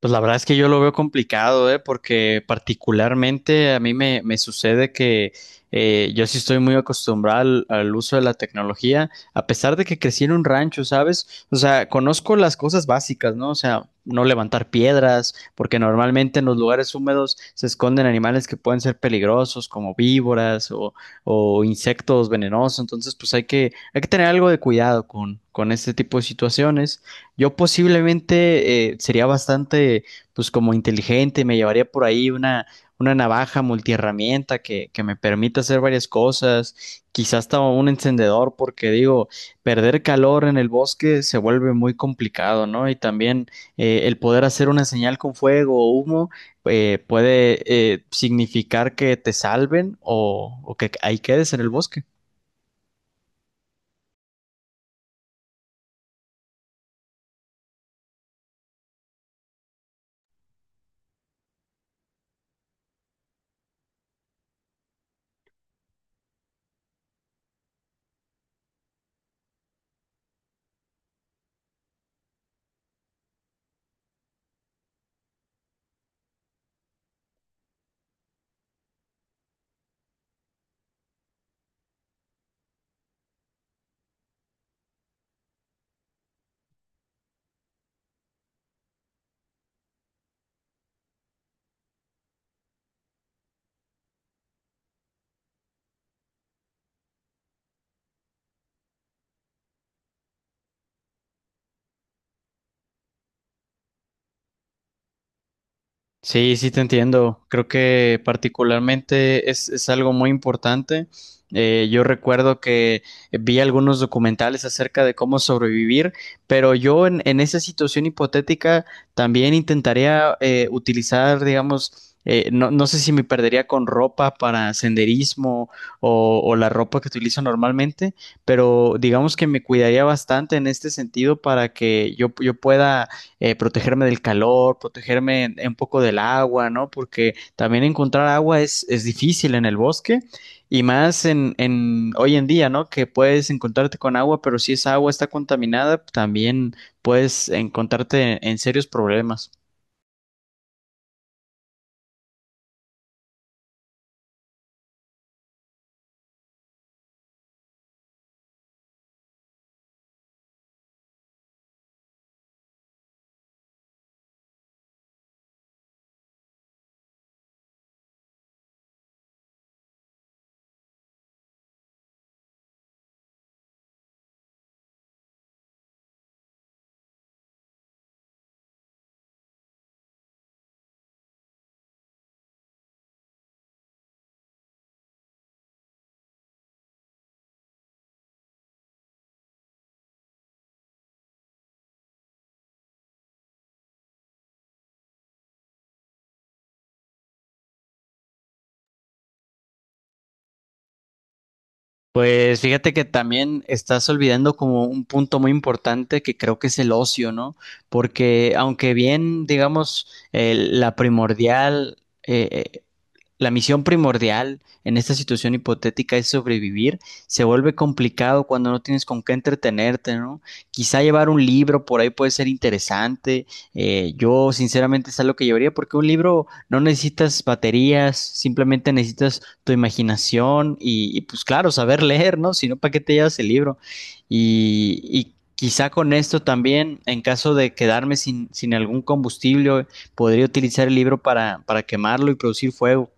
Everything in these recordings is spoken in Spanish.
Pues la verdad es que yo lo veo complicado, ¿eh? Porque particularmente a mí me sucede que yo sí estoy muy acostumbrado al uso de la tecnología, a pesar de que crecí en un rancho, ¿sabes? O sea, conozco las cosas básicas, ¿no? O sea, no levantar piedras, porque normalmente en los lugares húmedos se esconden animales que pueden ser peligrosos, como víboras o insectos venenosos. Entonces, pues hay que tener algo de cuidado con este tipo de situaciones. Yo posiblemente sería bastante, pues como inteligente, me llevaría por ahí una navaja multiherramienta que me permita hacer varias cosas, quizás hasta un encendedor, porque digo, perder calor en el bosque se vuelve muy complicado, ¿no? Y también el poder hacer una señal con fuego o humo puede significar que te salven o que ahí quedes en el bosque. Sí, sí te entiendo. Creo que particularmente es algo muy importante. Yo recuerdo que vi algunos documentales acerca de cómo sobrevivir, pero yo en esa situación hipotética también intentaría utilizar, digamos, no, no sé si me perdería con ropa para senderismo o la ropa que utilizo normalmente, pero digamos que me cuidaría bastante en este sentido para que yo pueda protegerme del calor, protegerme un poco del agua, ¿no? Porque también encontrar agua es difícil en el bosque y más en hoy en día, ¿no? Que puedes encontrarte con agua, pero si esa agua está contaminada, también puedes encontrarte en serios problemas. Pues fíjate que también estás olvidando como un punto muy importante que creo que es el ocio, ¿no? Porque aunque bien, digamos, la primordial eh, eh, la misión primordial en esta situación hipotética es sobrevivir. Se vuelve complicado cuando no tienes con qué entretenerte, ¿no? Quizá llevar un libro por ahí puede ser interesante. Yo sinceramente es algo que llevaría porque un libro no necesitas baterías, simplemente necesitas tu imaginación y pues claro, saber leer, ¿no? Si no, ¿para qué te llevas el libro? Y, y Quizá con esto también, en caso de quedarme sin algún combustible, podría utilizar el libro para quemarlo y producir fuego.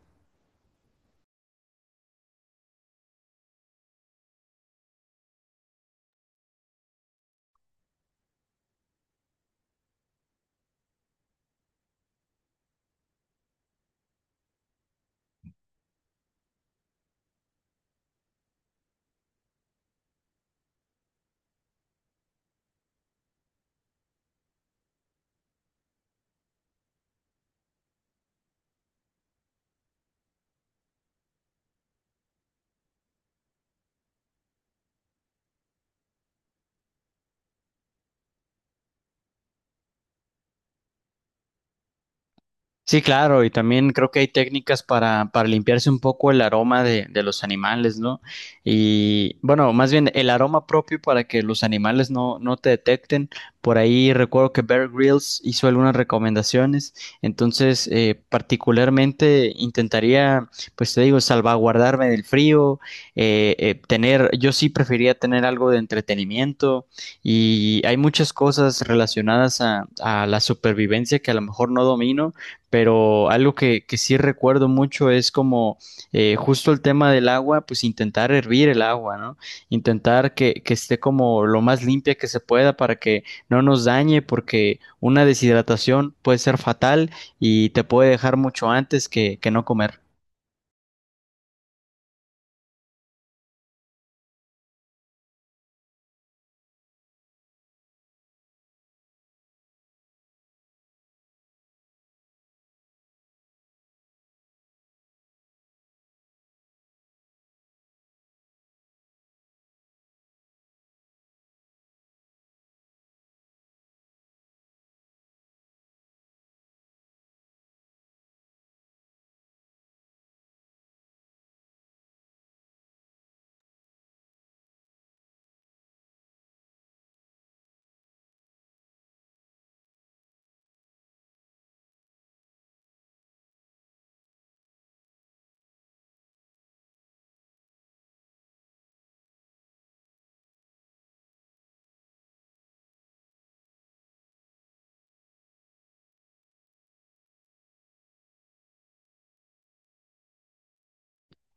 Sí, claro, y también creo que hay técnicas para limpiarse un poco el aroma de los animales, ¿no? Y bueno, más bien el aroma propio para que los animales no te detecten. Por ahí recuerdo que Bear Grylls hizo algunas recomendaciones, entonces particularmente intentaría, pues te digo, salvaguardarme del frío, tener, yo sí preferiría tener algo de entretenimiento y hay muchas cosas relacionadas a la supervivencia que a lo mejor no domino pero algo que sí recuerdo mucho es como justo el tema del agua, pues intentar hervir el agua, ¿no? Intentar que esté como lo más limpia que se pueda para que no nos dañe, porque una deshidratación puede ser fatal y te puede dejar mucho antes que no comer.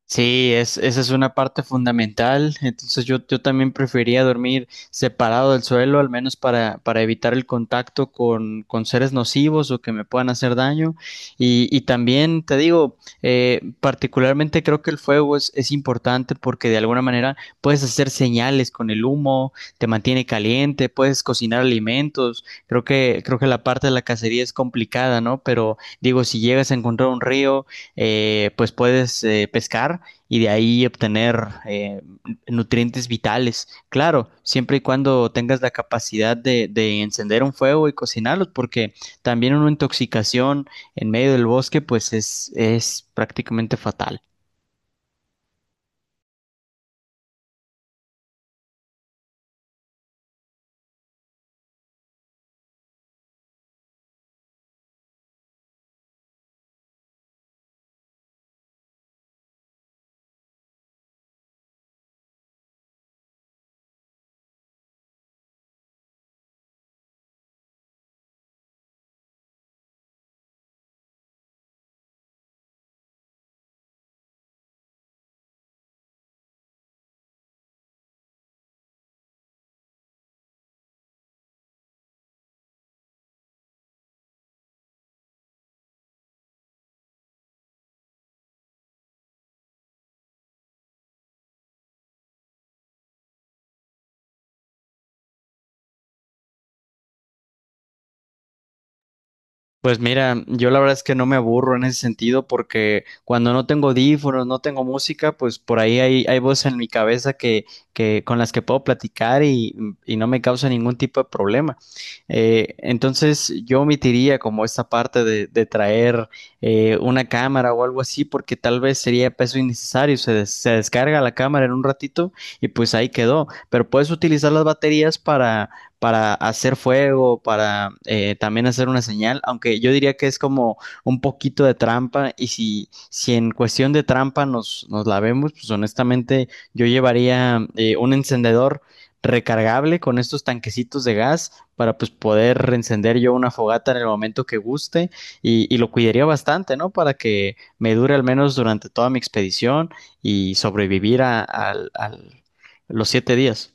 Sí, esa es una parte fundamental. Entonces yo también prefería dormir separado del suelo, al menos para evitar el contacto con seres nocivos o que me puedan hacer daño. Y también te digo, particularmente creo que el fuego es importante porque de alguna manera puedes hacer señales con el humo, te mantiene caliente, puedes cocinar alimentos. Creo que la parte de la cacería es complicada, ¿no? Pero digo, si llegas a encontrar un río pues puedes pescar y de ahí obtener nutrientes vitales. Claro, siempre y cuando tengas la capacidad de encender un fuego y cocinarlos, porque también una intoxicación en medio del bosque, pues es prácticamente fatal. Pues mira, yo la verdad es que no me aburro en ese sentido porque cuando no tengo audífonos, no tengo música, pues por ahí hay voces en mi cabeza que con las que puedo platicar y no me causa ningún tipo de problema. Entonces yo omitiría como esta parte de traer una cámara o algo así porque tal vez sería peso innecesario. Se descarga la cámara en un ratito y pues ahí quedó. Pero puedes utilizar las baterías para hacer fuego, para también hacer una señal, aunque yo diría que es como un poquito de trampa y si en cuestión de trampa nos la vemos, pues honestamente yo llevaría un encendedor recargable con estos tanquecitos de gas para pues poder reencender yo una fogata en el momento que guste y lo cuidaría bastante, ¿no? Para que me dure al menos durante toda mi expedición y sobrevivir a los 7 días.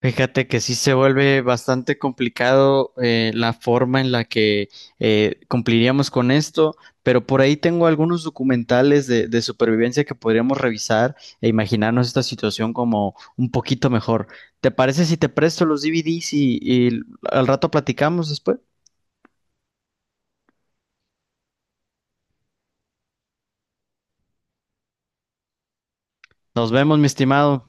Fíjate que sí se vuelve bastante complicado la forma en la que cumpliríamos con esto, pero por ahí tengo algunos documentales de supervivencia que podríamos revisar e imaginarnos esta situación como un poquito mejor. ¿Te parece si te presto los DVDs y al rato platicamos después? Nos vemos, mi estimado.